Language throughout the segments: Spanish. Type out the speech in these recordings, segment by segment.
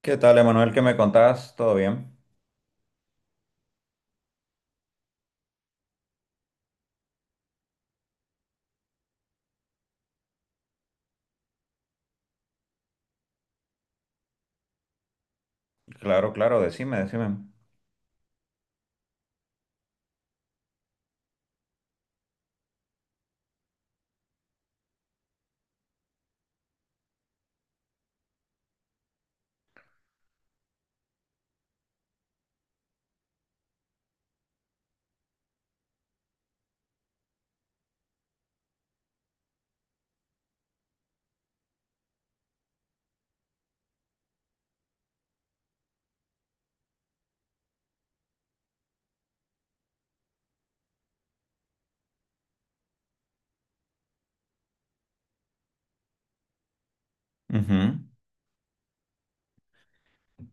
¿Qué tal, Emanuel? ¿Qué me contás? ¿Todo bien? Claro, claro, decime, decime. Ujú.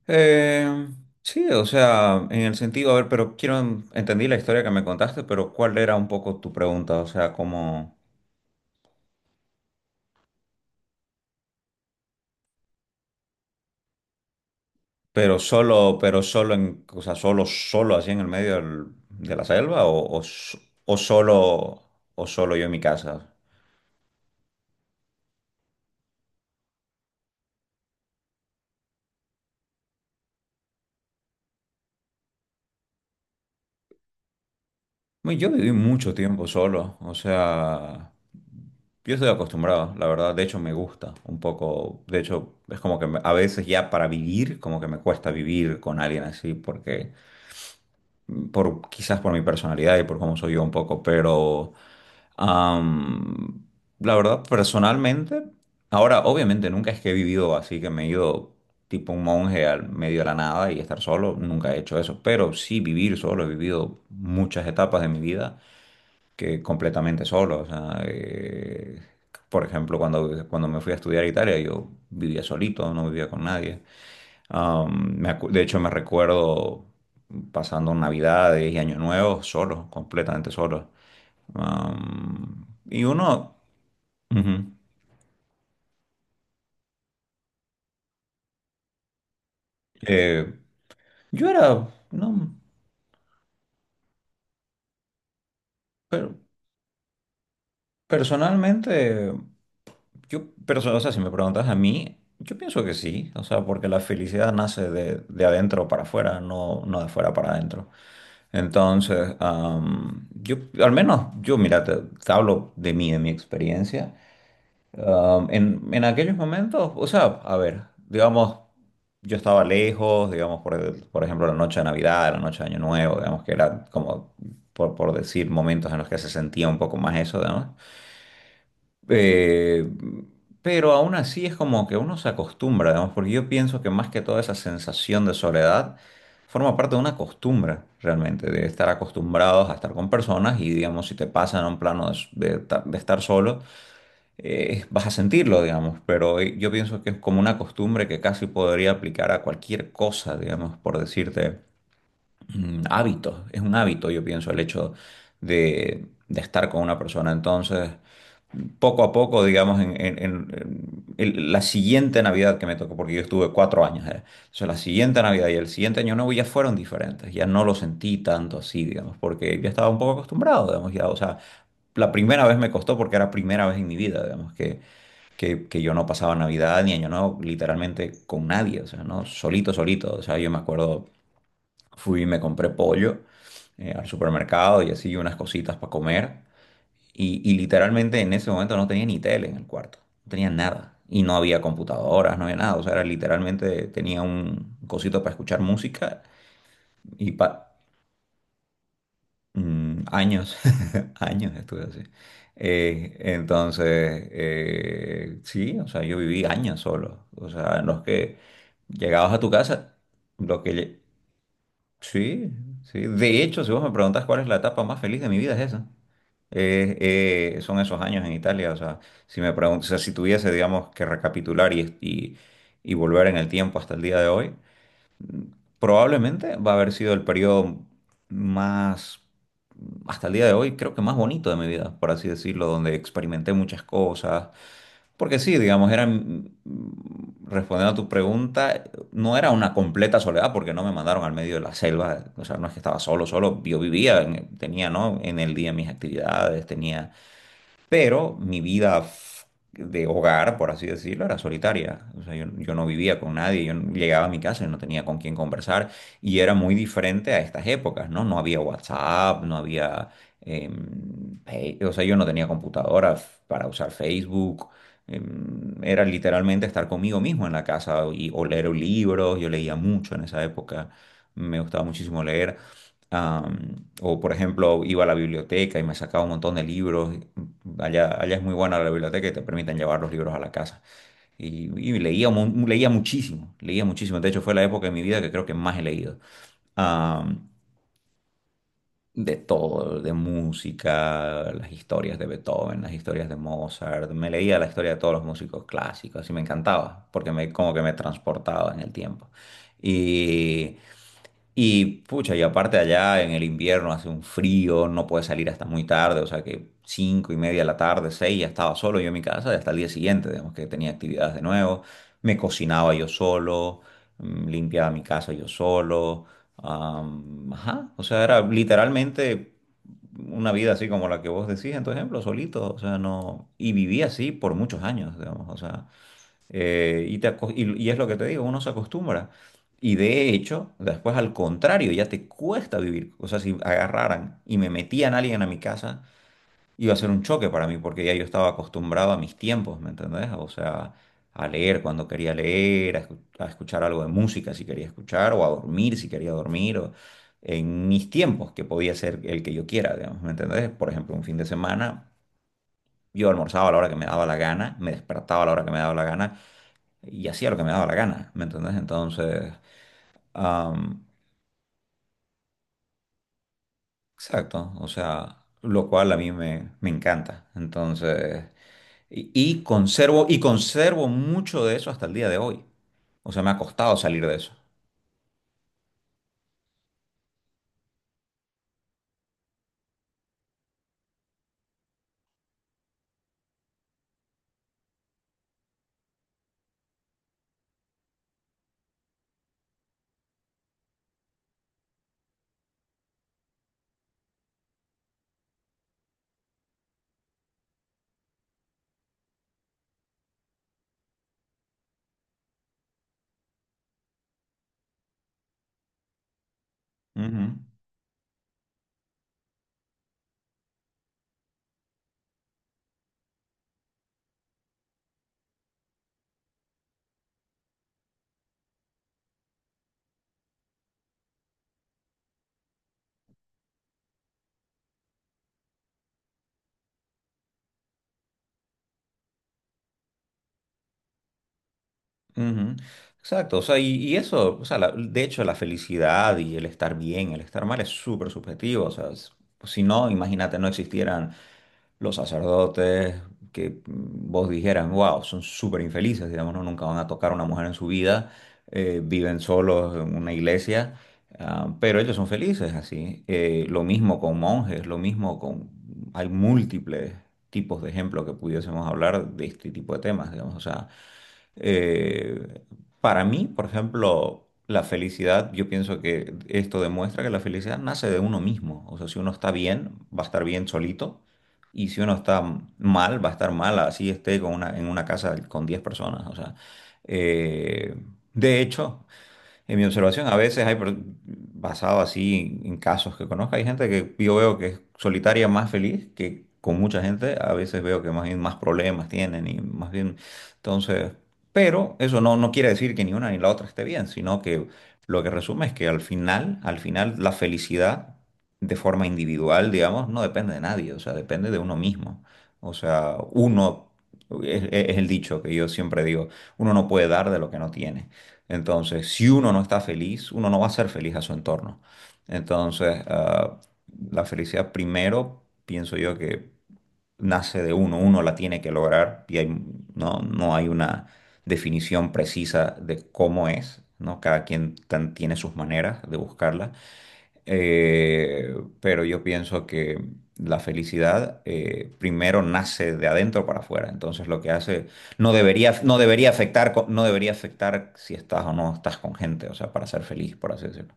Eh, sí, o sea, en el sentido, a ver, pero quiero, entendí la historia que me contaste, pero ¿cuál era un poco tu pregunta? O sea, como. Pero solo en, o sea, solo así en el medio de la selva o solo, o solo yo en mi casa? Bueno, yo viví mucho tiempo solo, o sea, yo estoy acostumbrado, la verdad, de hecho me gusta un poco, de hecho es como que a veces ya para vivir, como que me cuesta vivir con alguien así, porque por, quizás por mi personalidad y por cómo soy yo un poco, pero am, la verdad, personalmente, ahora obviamente nunca es que he vivido así, que me he ido tipo un monje al medio de la nada y estar solo, nunca he hecho eso, pero sí vivir solo, he vivido muchas etapas de mi vida que completamente solo. O sea, por ejemplo, cuando me fui a estudiar a Italia, yo vivía solito, no vivía con nadie. De hecho, me recuerdo pasando Navidades y Año Nuevo solo, completamente solo. Y uno, ujú, eh, yo era, no, personalmente, yo, o sea, si me preguntas a mí, yo pienso que sí, o sea, porque la felicidad nace de adentro para afuera, no de afuera para adentro. Entonces, yo, al menos, yo, mira, te hablo de mí, de mi experiencia. En aquellos momentos, o sea, a ver, digamos, yo estaba lejos, digamos, por, por ejemplo, la noche de Navidad, la noche de Año Nuevo, digamos, que era como, por decir, momentos en los que se sentía un poco más eso, ¿no? Eh, pero aún así es como que uno se acostumbra, digamos, porque yo pienso que más que toda esa sensación de soledad forma parte de una costumbre realmente, de estar acostumbrados a estar con personas y, digamos, si te pasan a un plano de, s- de ta- de estar solo, vas a sentirlo, digamos, pero yo pienso que es como una costumbre que casi podría aplicar a cualquier cosa, digamos, por decirte, hábitos, es un hábito, yo pienso, el hecho de estar con una persona, entonces poco a poco, digamos, la siguiente Navidad que me tocó, porque yo estuve 4 años allá. Entonces, la siguiente Navidad y el siguiente Año Nuevo ya fueron diferentes, ya no lo sentí tanto así, digamos, porque ya estaba un poco acostumbrado, digamos, ya, o sea, la primera vez me costó porque era primera vez en mi vida, digamos, que yo no pasaba Navidad ni Año Nuevo literalmente con nadie, o sea, ¿no? Solito, solito, o sea, yo me acuerdo, fui y me compré pollo al supermercado y así unas cositas para comer. Y literalmente en ese momento no tenía ni tele en el cuarto, no tenía nada. Y no había computadoras, no había nada. O sea, era literalmente tenía un cosito para escuchar música y pa años, años estuve así. Entonces, sí, o sea, yo viví años solo. O sea, en los que llegabas a tu casa. lo que, lle- Sí, sí. De hecho, si vos me preguntás cuál es la etapa más feliz de mi vida, es esa. Eh, Son esos años en Italia. O sea, si me preguntas, o sea, si tuviese, digamos, que recapitular y volver en el tiempo hasta el día de hoy, probablemente va a haber sido el periodo más, hasta el día de hoy, creo que más bonito de mi vida, por así decirlo, donde experimenté muchas cosas, porque sí, digamos, era, respondiendo a tu pregunta, no era una completa soledad porque no me mandaron al medio de la selva, o sea, no es que estaba solo, solo, yo vivía, tenía, ¿no? En el día mis actividades, tenía. Pero mi vida de hogar, por así decirlo, era solitaria. O sea, yo no vivía con nadie, yo no- llegaba a mi casa y no tenía con quién conversar. Y era muy diferente a estas épocas, ¿no? No había WhatsApp, no había... O sea, yo no tenía computadora para usar Facebook. Era literalmente estar conmigo mismo en la casa y, o leer libros. Yo leía mucho en esa época. Me gustaba muchísimo leer. O por ejemplo, iba a la biblioteca y me sacaba un montón de libros. Allá, allá es muy buena la biblioteca y te permiten llevar los libros a la casa. Y leía, leía muchísimo, leía muchísimo. De hecho, fue la época de mi vida que creo que más he leído de todo, de música, las historias de Beethoven, las historias de Mozart. Me leía la historia de todos los músicos clásicos y me encantaba porque como que me transportaba en el tiempo. Y, y pucha, y aparte allá en el invierno hace un frío, no puedes salir hasta muy tarde, o sea que 5:30 de la tarde, seis, ya estaba solo yo en mi casa y hasta el día siguiente, digamos que tenía actividades de nuevo. Me cocinaba yo solo, limpiaba mi casa yo solo. Ajá, o sea, era literalmente una vida así como la que vos decís en tu ejemplo, solito, o sea, no, y viví así por muchos años, digamos, o sea, y es lo que te digo, uno se acostumbra, y de hecho, después al contrario, ya te cuesta vivir, o sea, si agarraran y me metían a alguien a mi casa, iba a ser un choque para mí porque ya yo estaba acostumbrado a mis tiempos, ¿me entendés? O sea, a leer cuando quería leer, a escuchar algo de música si quería escuchar, o a dormir si quería dormir, o en mis tiempos, que podía ser el que yo quiera, digamos, ¿me entendés? Por ejemplo, un fin de semana. Yo almorzaba a la hora que me daba la gana, me despertaba a la hora que me daba la gana y hacía lo que me daba la gana, ¿me entendés? Entonces, am, exacto, o sea, lo cual a mí me encanta. Entonces, y conservo mucho de eso hasta el día de hoy. O sea, me ha costado salir de eso. Ujú. Ujú. Exacto, o sea, y eso, o sea, de hecho la felicidad y el estar bien, el estar mal es súper subjetivo, o sea, pues, si no, imagínate, no existieran los sacerdotes que vos dijeras, wow, son súper infelices, digamos, no, nunca van a tocar a una mujer en su vida, viven solos en una iglesia, ah, pero ellos son felices así. Lo mismo con monjes, lo mismo con... Hay múltiples tipos de ejemplos que pudiésemos hablar de este tipo de temas, digamos, o sea... Eh, para mí, por ejemplo, la felicidad, yo pienso que esto demuestra que la felicidad nace de uno mismo. O sea, si uno está bien, va a estar bien solito. Y si uno está mal, va a estar mal, así esté con en una casa con 10 personas. O sea, eh, de hecho, en mi observación, a veces basado así casos que conozco, hay gente que yo veo que es solitaria más feliz que con mucha gente. A veces veo que más bien más problemas tienen y más bien, entonces, pero eso no quiere decir que ni una ni la otra esté bien, sino que lo que resume es que al final la felicidad de forma individual, digamos, no depende de nadie, o sea, depende de uno mismo. O sea, uno, es el dicho que yo siempre digo, uno no puede dar de lo que no tiene. Entonces, si uno no está feliz, uno no va a ser feliz a su entorno. Entonces, la felicidad primero, pienso yo que nace de uno, uno la tiene que lograr y no hay una definición precisa de cómo es, ¿no? Cada quien tiene sus maneras de buscarla. Eh, pero yo pienso que la felicidad primero nace de adentro para afuera. Entonces lo que hace no debería afectar si estás o no estás con gente, o sea, para ser feliz, por así decirlo.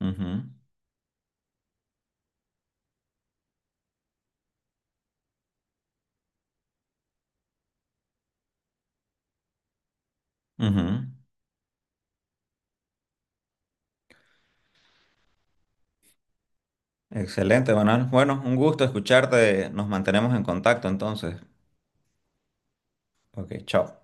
Ujú, ujú. Excelente, Manuel. Bueno, un gusto escucharte. Nos mantenemos en contacto entonces. Ok, chao.